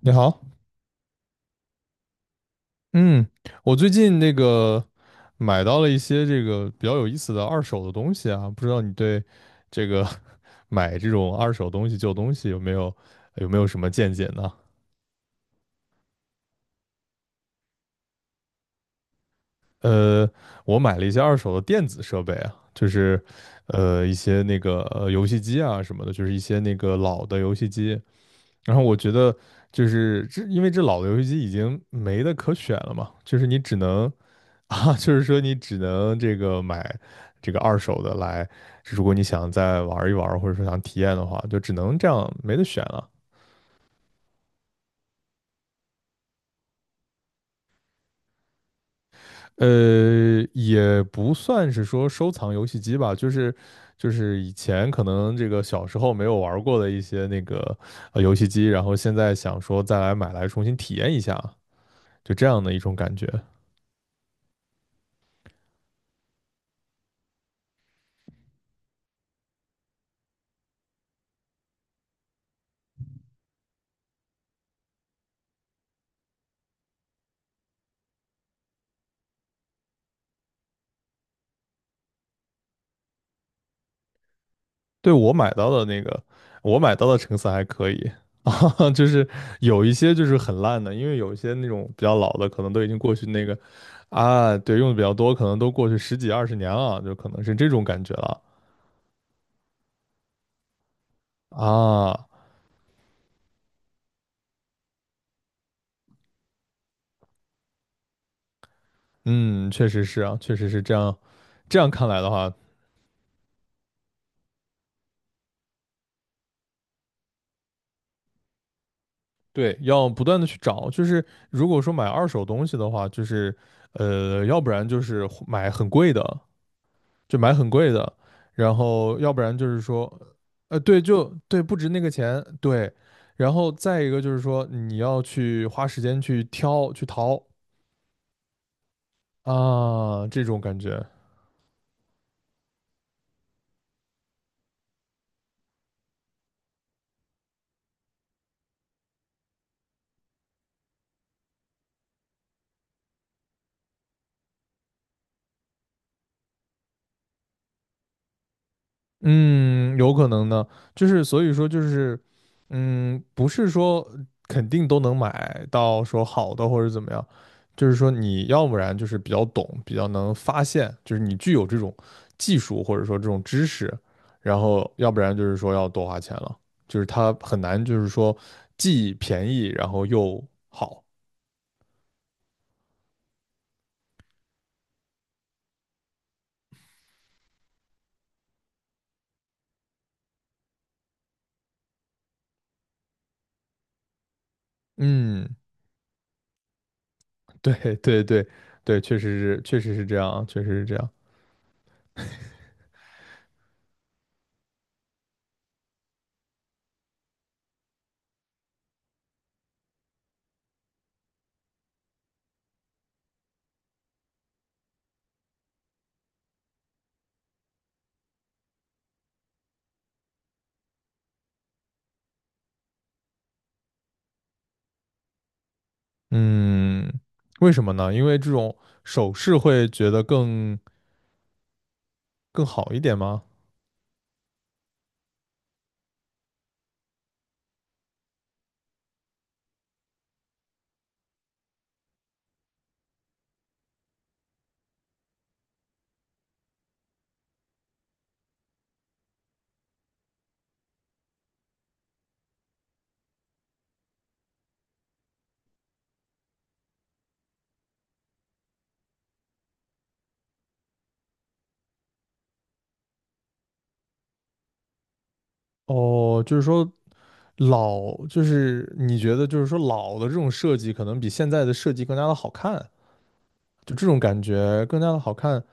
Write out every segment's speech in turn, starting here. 你好，嗯，我最近那个买到了一些这个比较有意思的二手的东西啊，不知道你对这个 买这种二手东西、旧东西有没有什么见解呢？呃，我买了一些二手的电子设备啊，就是一些那个游戏机啊什么的，就是一些那个老的游戏机。然后我觉得就是这，因为这老的游戏机已经没得可选了嘛，就是你只能。啊，就是说你只能这个买这个二手的来，如果你想再玩一玩，或者说想体验的话，就只能这样，没得选了。也不算是说收藏游戏机吧，就是以前可能这个小时候没有玩过的一些那个游戏机，然后现在想说再来买来重新体验一下，就这样的一种感觉。对，我买到的那个，我买到的成色还可以 啊，就是有一些就是很烂的，因为有一些那种比较老的，可能都已经过去那个啊，对，用的比较多，可能都过去十几二十年了，就可能是这种感觉了啊。嗯，确实是啊，确实是这样。这样看来的话，对，要不断的去找，就是如果说买二手东西的话，就是要不然就是买很贵的，就买很贵的，然后要不然就是说，对，不值那个钱，对，然后再一个就是说你要去花时间去挑去淘啊，这种感觉，嗯，有可能呢，就是所以说就是，嗯，不是说肯定都能买到说好的或者怎么样，就是说你要不然就是比较懂，比较能发现，就是你具有这种技术或者说这种知识，然后要不然就是说要多花钱了，就是它很难就是说既便宜然后又好。嗯，对对对对。确实是确实是这样啊，确实是这样。嗯，为什么呢？因为这种首饰会觉得更好一点吗？哦，就是说老，就是你觉得就是说老的这种设计可能比现在的设计更加的好看，就这种感觉更加的好看。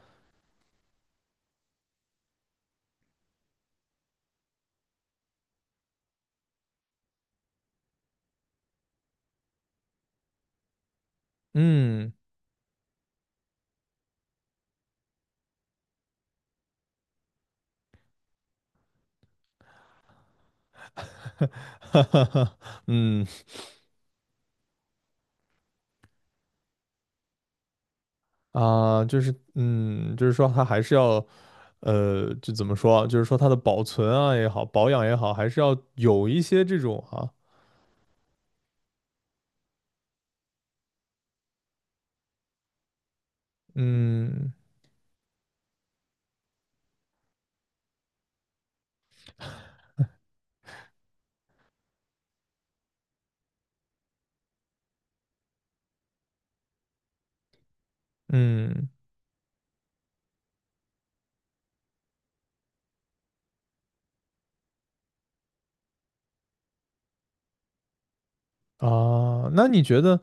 嗯，哈哈哈，嗯啊，就是嗯，就是说它还是要，就怎么说啊，就是说它的保存啊也好，保养也好，还是要有一些这种啊，嗯嗯啊，那你觉得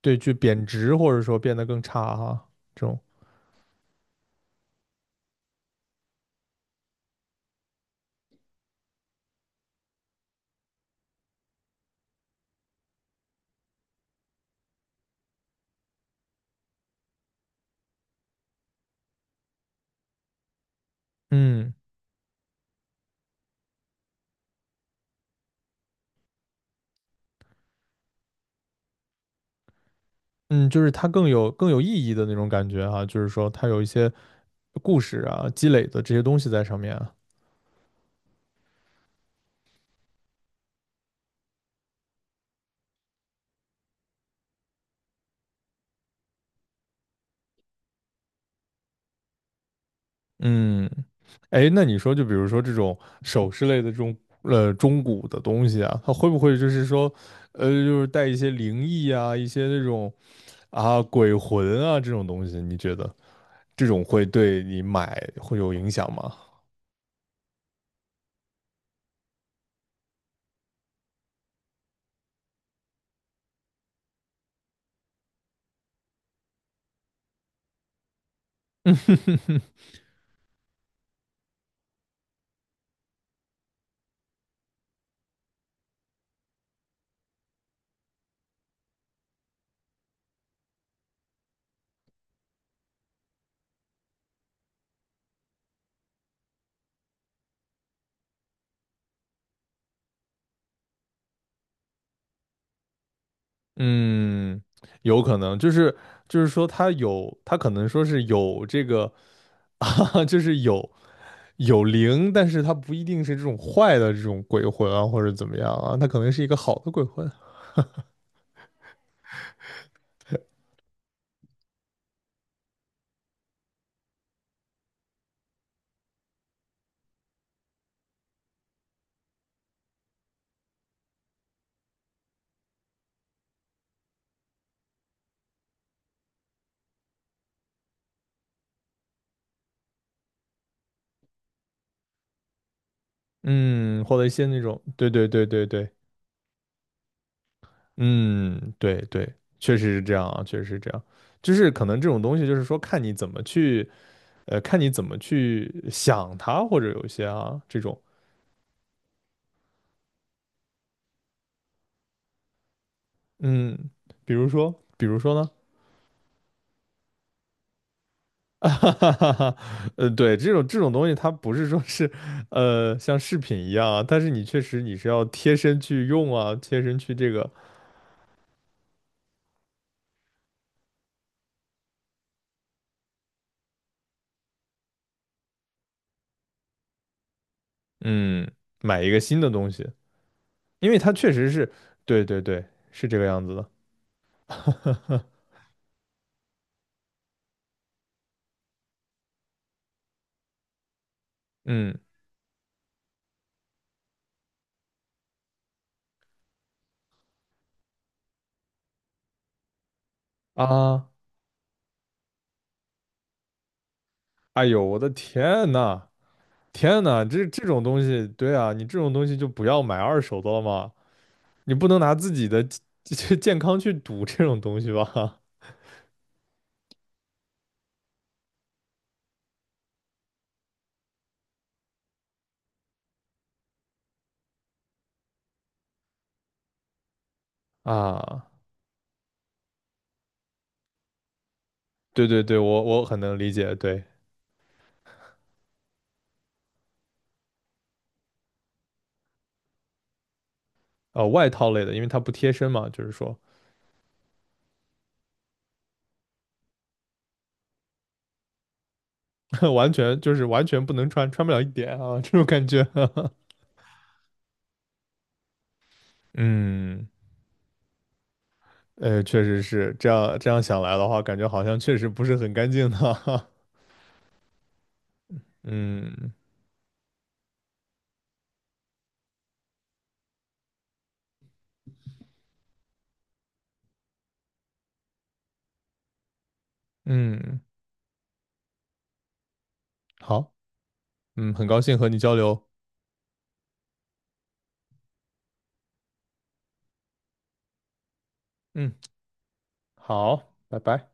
对，就贬值或者说变得更差哈，这种，嗯嗯，就是它更有更有意义的那种感觉哈，就是说它有一些故事啊，积累的这些东西在上面啊，嗯，哎，那你说就比如说这种首饰类的这种中古的东西啊，它会不会就是说，就是带一些灵异啊，一些那种啊鬼魂啊这种东西，你觉得这种会对你买会有影响吗？嗯，有可能，就是就是说他有，他可能说是有这个 啊，就是有灵，但是他不一定是这种坏的这种鬼魂啊，或者怎么样啊，他可能是一个好的鬼魂，嗯，或者一些那种，对对对对对，嗯，对对，确实是这样啊，确实是这样，就是可能这种东西就是说看你怎么去，看你怎么去想它，或者有一些啊这种，嗯，比如说，比如说呢？哈，哈哈哈，对，这种这种东西，它不是说是，像饰品一样啊，但是你确实你是要贴身去用啊，贴身去这个，嗯，买一个新的东西，因为它确实是，对对对，是这个样子的，嗯啊，哎呦，我的天呐，天呐，这这种东西，对啊，你这种东西就不要买二手的了嘛，你不能拿自己的健康去赌这种东西吧？啊，对对对，我很能理解，对。呃外套类的，因为它不贴身嘛，就是说 完全不能穿，穿不了一点啊，这种感觉。嗯，确实是这样。这样想来的话，感觉好像确实不是很干净的。嗯嗯，好，嗯，很高兴和你交流。嗯，好，拜拜。